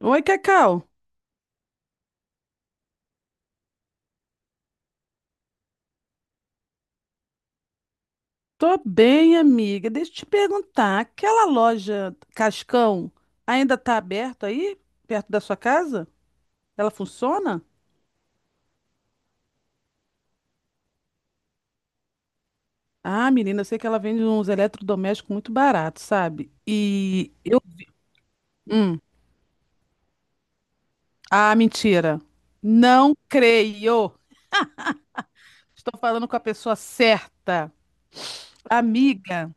Oi, Cacau. Tô bem, amiga. Deixa eu te perguntar, aquela loja Cascão ainda tá aberta aí, perto da sua casa? Ela funciona? Ah, menina, eu sei que ela vende uns eletrodomésticos muito baratos, sabe? E eu... Hum. Ah, mentira. Não creio. Estou falando com a pessoa certa. Amiga,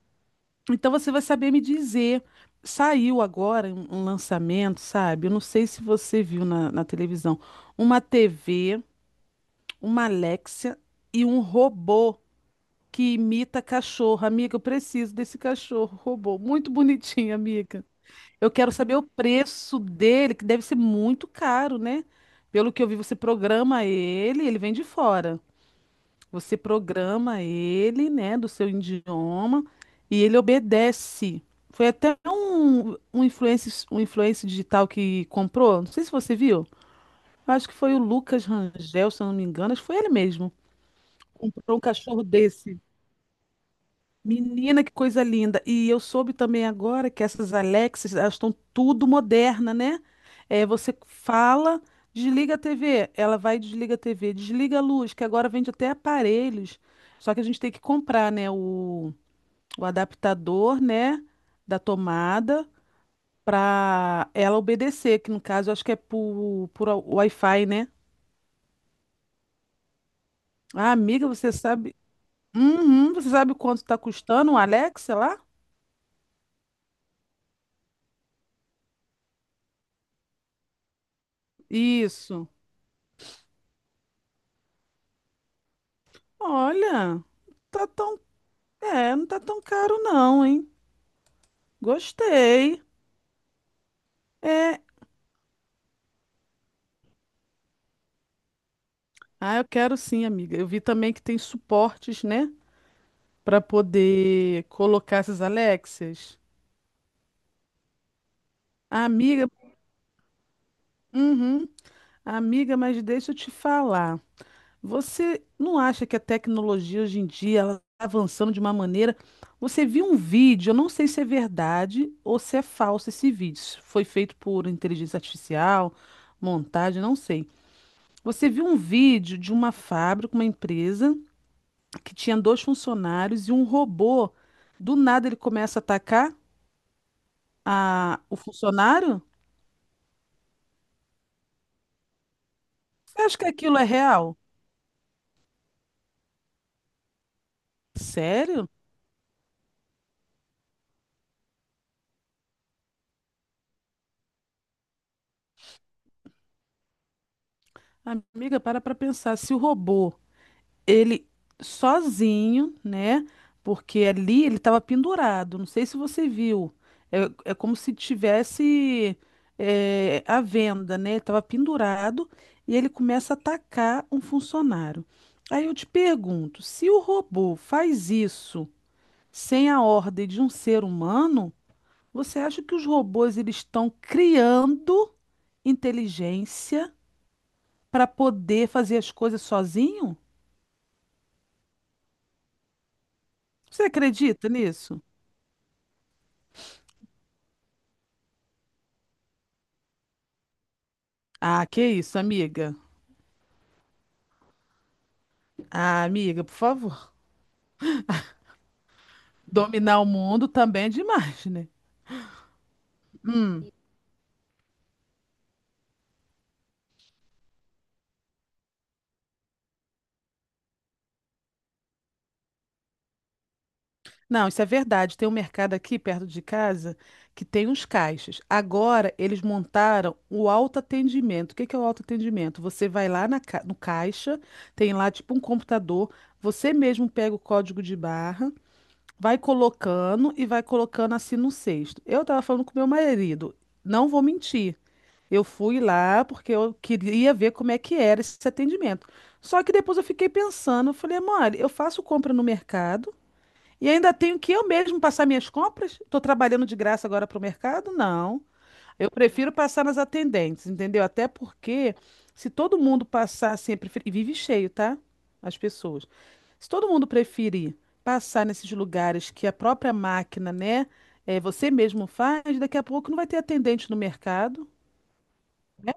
então você vai saber me dizer. Saiu agora um lançamento, sabe? Eu não sei se você viu na televisão uma TV, uma Alexia e um robô que imita cachorro. Amiga, eu preciso desse cachorro, robô. Muito bonitinho, amiga. Eu quero saber o preço dele, que deve ser muito caro, né? Pelo que eu vi, você programa ele, ele vem de fora. Você programa ele, né, do seu idioma, e ele obedece. Foi até um influencer, um influencer digital que comprou, não sei se você viu. Eu acho que foi o Lucas Rangel, se eu não me engano, acho que foi ele mesmo comprou um cachorro desse. Menina, que coisa linda. E eu soube também agora que essas Alexas, elas estão tudo moderna, né? É, você fala, desliga a TV, ela vai e desliga a TV, desliga a luz, que agora vende até aparelhos. Só que a gente tem que comprar, né, o adaptador, né, da tomada para ela obedecer, que no caso eu acho que é por Wi-Fi, né? Ah, amiga, você sabe, uhum, você sabe quanto está custando um Alexa lá? Isso. Olha, tá tão, é, não tá tão caro não, hein? Gostei. É, ah, eu quero sim, amiga. Eu vi também que tem suportes, né, pra poder colocar essas Alexias. Amiga, uhum. Amiga, mas deixa eu te falar. Você não acha que a tecnologia hoje em dia ela tá avançando de uma maneira? Você viu um vídeo, eu não sei se é verdade ou se é falso esse vídeo. Se foi feito por inteligência artificial, montagem, não sei. Você viu um vídeo de uma fábrica, uma empresa, que tinha dois funcionários e um robô. Do nada ele começa a atacar o funcionário? Você acha que aquilo é real? Sério? Amiga, para pensar. Se o robô ele sozinho, né? Porque ali ele estava pendurado. Não sei se você viu. É, é como se tivesse é, a venda, né? Ele estava pendurado e ele começa a atacar um funcionário. Aí eu te pergunto, se o robô faz isso sem a ordem de um ser humano, você acha que os robôs eles estão criando inteligência para poder fazer as coisas sozinho? Você acredita nisso? Ah, que isso, amiga. Ah, amiga, por favor. Dominar o mundo também é demais, né? Não, isso é verdade. Tem um mercado aqui perto de casa que tem uns caixas. Agora eles montaram o autoatendimento. O que que é o autoatendimento? Você vai lá no caixa, tem lá tipo um computador, você mesmo pega o código de barra, vai colocando e vai colocando assim no cesto. Eu tava falando com meu marido, não vou mentir. Eu fui lá porque eu queria ver como é que era esse atendimento. Só que depois eu fiquei pensando, eu falei, mole, eu faço compra no mercado e ainda tenho que eu mesmo passar minhas compras? Estou trabalhando de graça agora para o mercado? Não. Eu prefiro passar nas atendentes, entendeu? Até porque se todo mundo passar sempre, e vive cheio, tá? As pessoas. Se todo mundo preferir passar nesses lugares que a própria máquina, né, é, você mesmo faz, daqui a pouco não vai ter atendente no mercado. Né?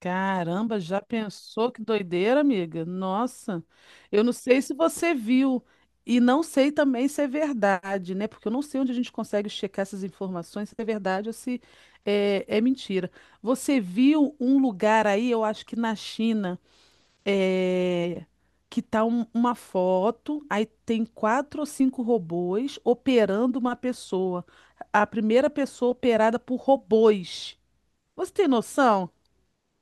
Caramba, já pensou que doideira, amiga? Nossa, eu não sei se você viu e não sei também se é verdade, né? Porque eu não sei onde a gente consegue checar essas informações, se é verdade ou se é mentira. Você viu um lugar aí, eu acho que na China, é, que tá uma foto, aí tem quatro ou cinco robôs operando uma pessoa. A primeira pessoa operada por robôs. Você tem noção?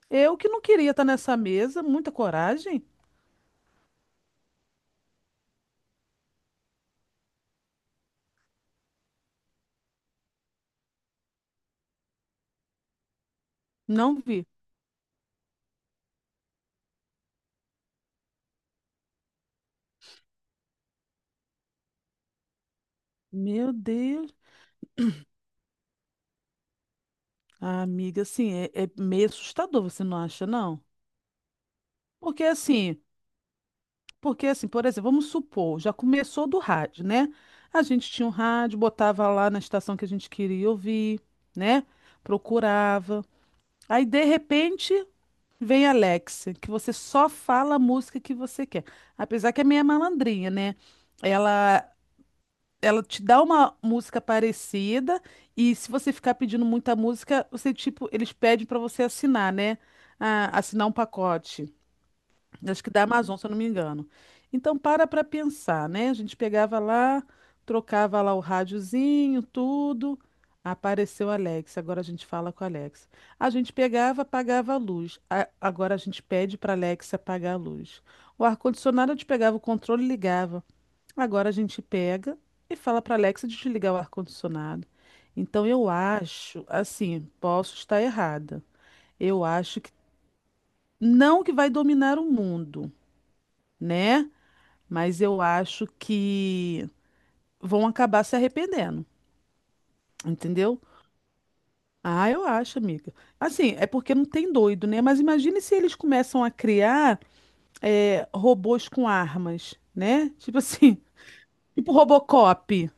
Eu que não queria estar nessa mesa, muita coragem, não vi. Meu Deus. Ah, amiga, assim, é, é meio assustador, você não acha, não? Porque assim, porque assim, por exemplo, vamos supor, já começou do rádio, né? A gente tinha um rádio, botava lá na estação que a gente queria ouvir, né? Procurava. Aí, de repente, vem a Alexa, que você só fala a música que você quer. Apesar que é meio malandrinha, né? Ela ela te dá uma música parecida e se você ficar pedindo muita música, você tipo, eles pedem para você assinar, né? Ah, assinar um pacote. Acho que da Amazon, se eu não me engano. Então para pensar, né? A gente pegava lá, trocava lá o rádiozinho, tudo. Apareceu a Alexa, agora a gente fala com a Alexa. A gente pegava, apagava a luz. Agora a gente pede para a Alexa apagar a luz. O ar-condicionado a gente pegava o controle e ligava. Agora a gente pega e fala para Alexa desligar o ar-condicionado. Então eu acho, assim, posso estar errada. Eu acho que não que vai dominar o mundo, né? Mas eu acho que vão acabar se arrependendo, entendeu? Ah, eu acho, amiga. Assim, é porque não tem doido, né? Mas imagine se eles começam a criar é, robôs com armas, né? Tipo assim, tipo Robocop.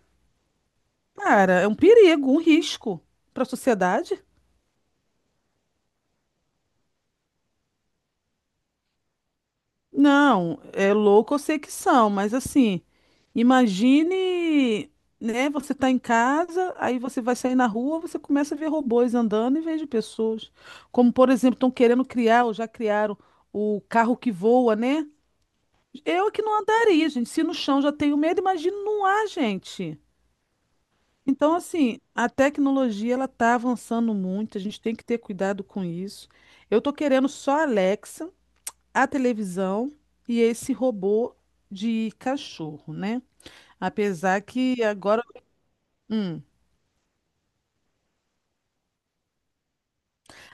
Cara, é um perigo, um risco para a sociedade. Não, é louco, eu sei que são, mas assim, imagine, né, você tá em casa, aí você vai sair na rua, você começa a ver robôs andando em vez de pessoas. Como, por exemplo, estão querendo criar, ou já criaram o carro que voa, né? Eu que não andaria, gente. Se no chão já tenho medo, imagina no ar, gente. Então, assim, a tecnologia ela tá avançando muito, a gente tem que ter cuidado com isso. Eu tô querendo só a Alexa, a televisão e esse robô de cachorro, né? Apesar que agora. Hum.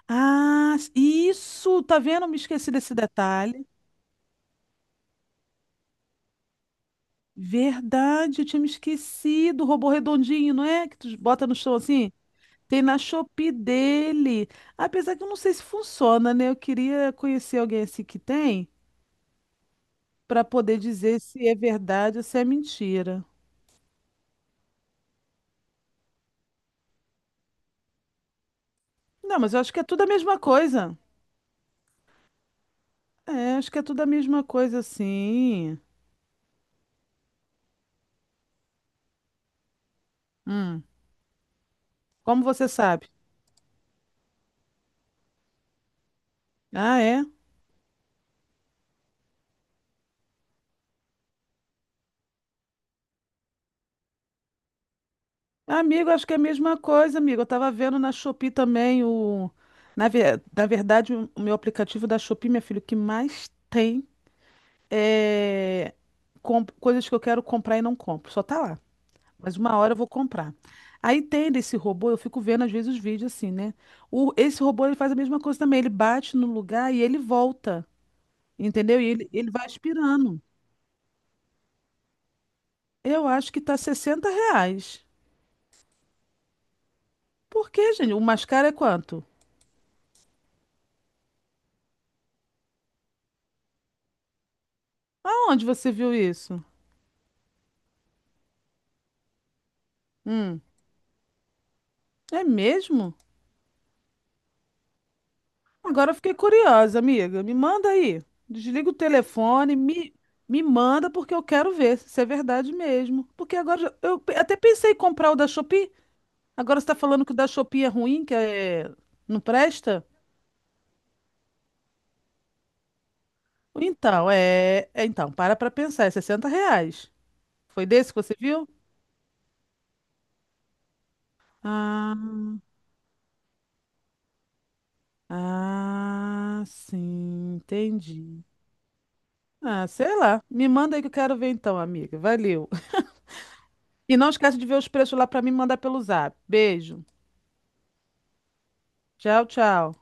Ah, isso! Tá vendo? Me esqueci desse detalhe. Verdade, eu tinha me esquecido. O robô redondinho, não é? Que tu bota no chão assim? Tem na Shopee dele. Apesar que eu não sei se funciona, né? Eu queria conhecer alguém assim que tem, para poder dizer se é verdade ou se é mentira. Não, mas eu acho que é tudo a mesma coisa. É, acho que é tudo a mesma coisa, assim. Hum, como você sabe? Ah, é? Amigo, acho que é a mesma coisa, amigo. Eu tava vendo na Shopee também o. Na verdade, o meu aplicativo da Shopee, meu filho, o que mais tem é coisas que eu quero comprar e não compro. Só tá lá. Mas uma hora eu vou comprar. Aí tem desse robô, eu fico vendo às vezes os vídeos assim, né? O, esse robô ele faz a mesma coisa também. Ele bate no lugar e ele volta. Entendeu? E ele vai aspirando. Eu acho que tá R$ 60. Por quê, gente? O mascara é quanto? Aonde você viu isso? Hum, é mesmo? Agora eu fiquei curiosa, amiga. Me manda aí. Desliga o telefone, me manda porque eu quero ver se isso é verdade mesmo. Porque agora eu até pensei em comprar o da Shopee. Agora você está falando que o da Shopee é ruim, que é... não presta? Então, então, para pra pensar. É R$ reais. Foi desse que você viu? Ah, ah, sim, entendi. Ah, sei lá. Me manda aí que eu quero ver então, amiga. Valeu. E não esquece de ver os preços lá pra mim e mandar pelo zap. Beijo. Tchau, tchau.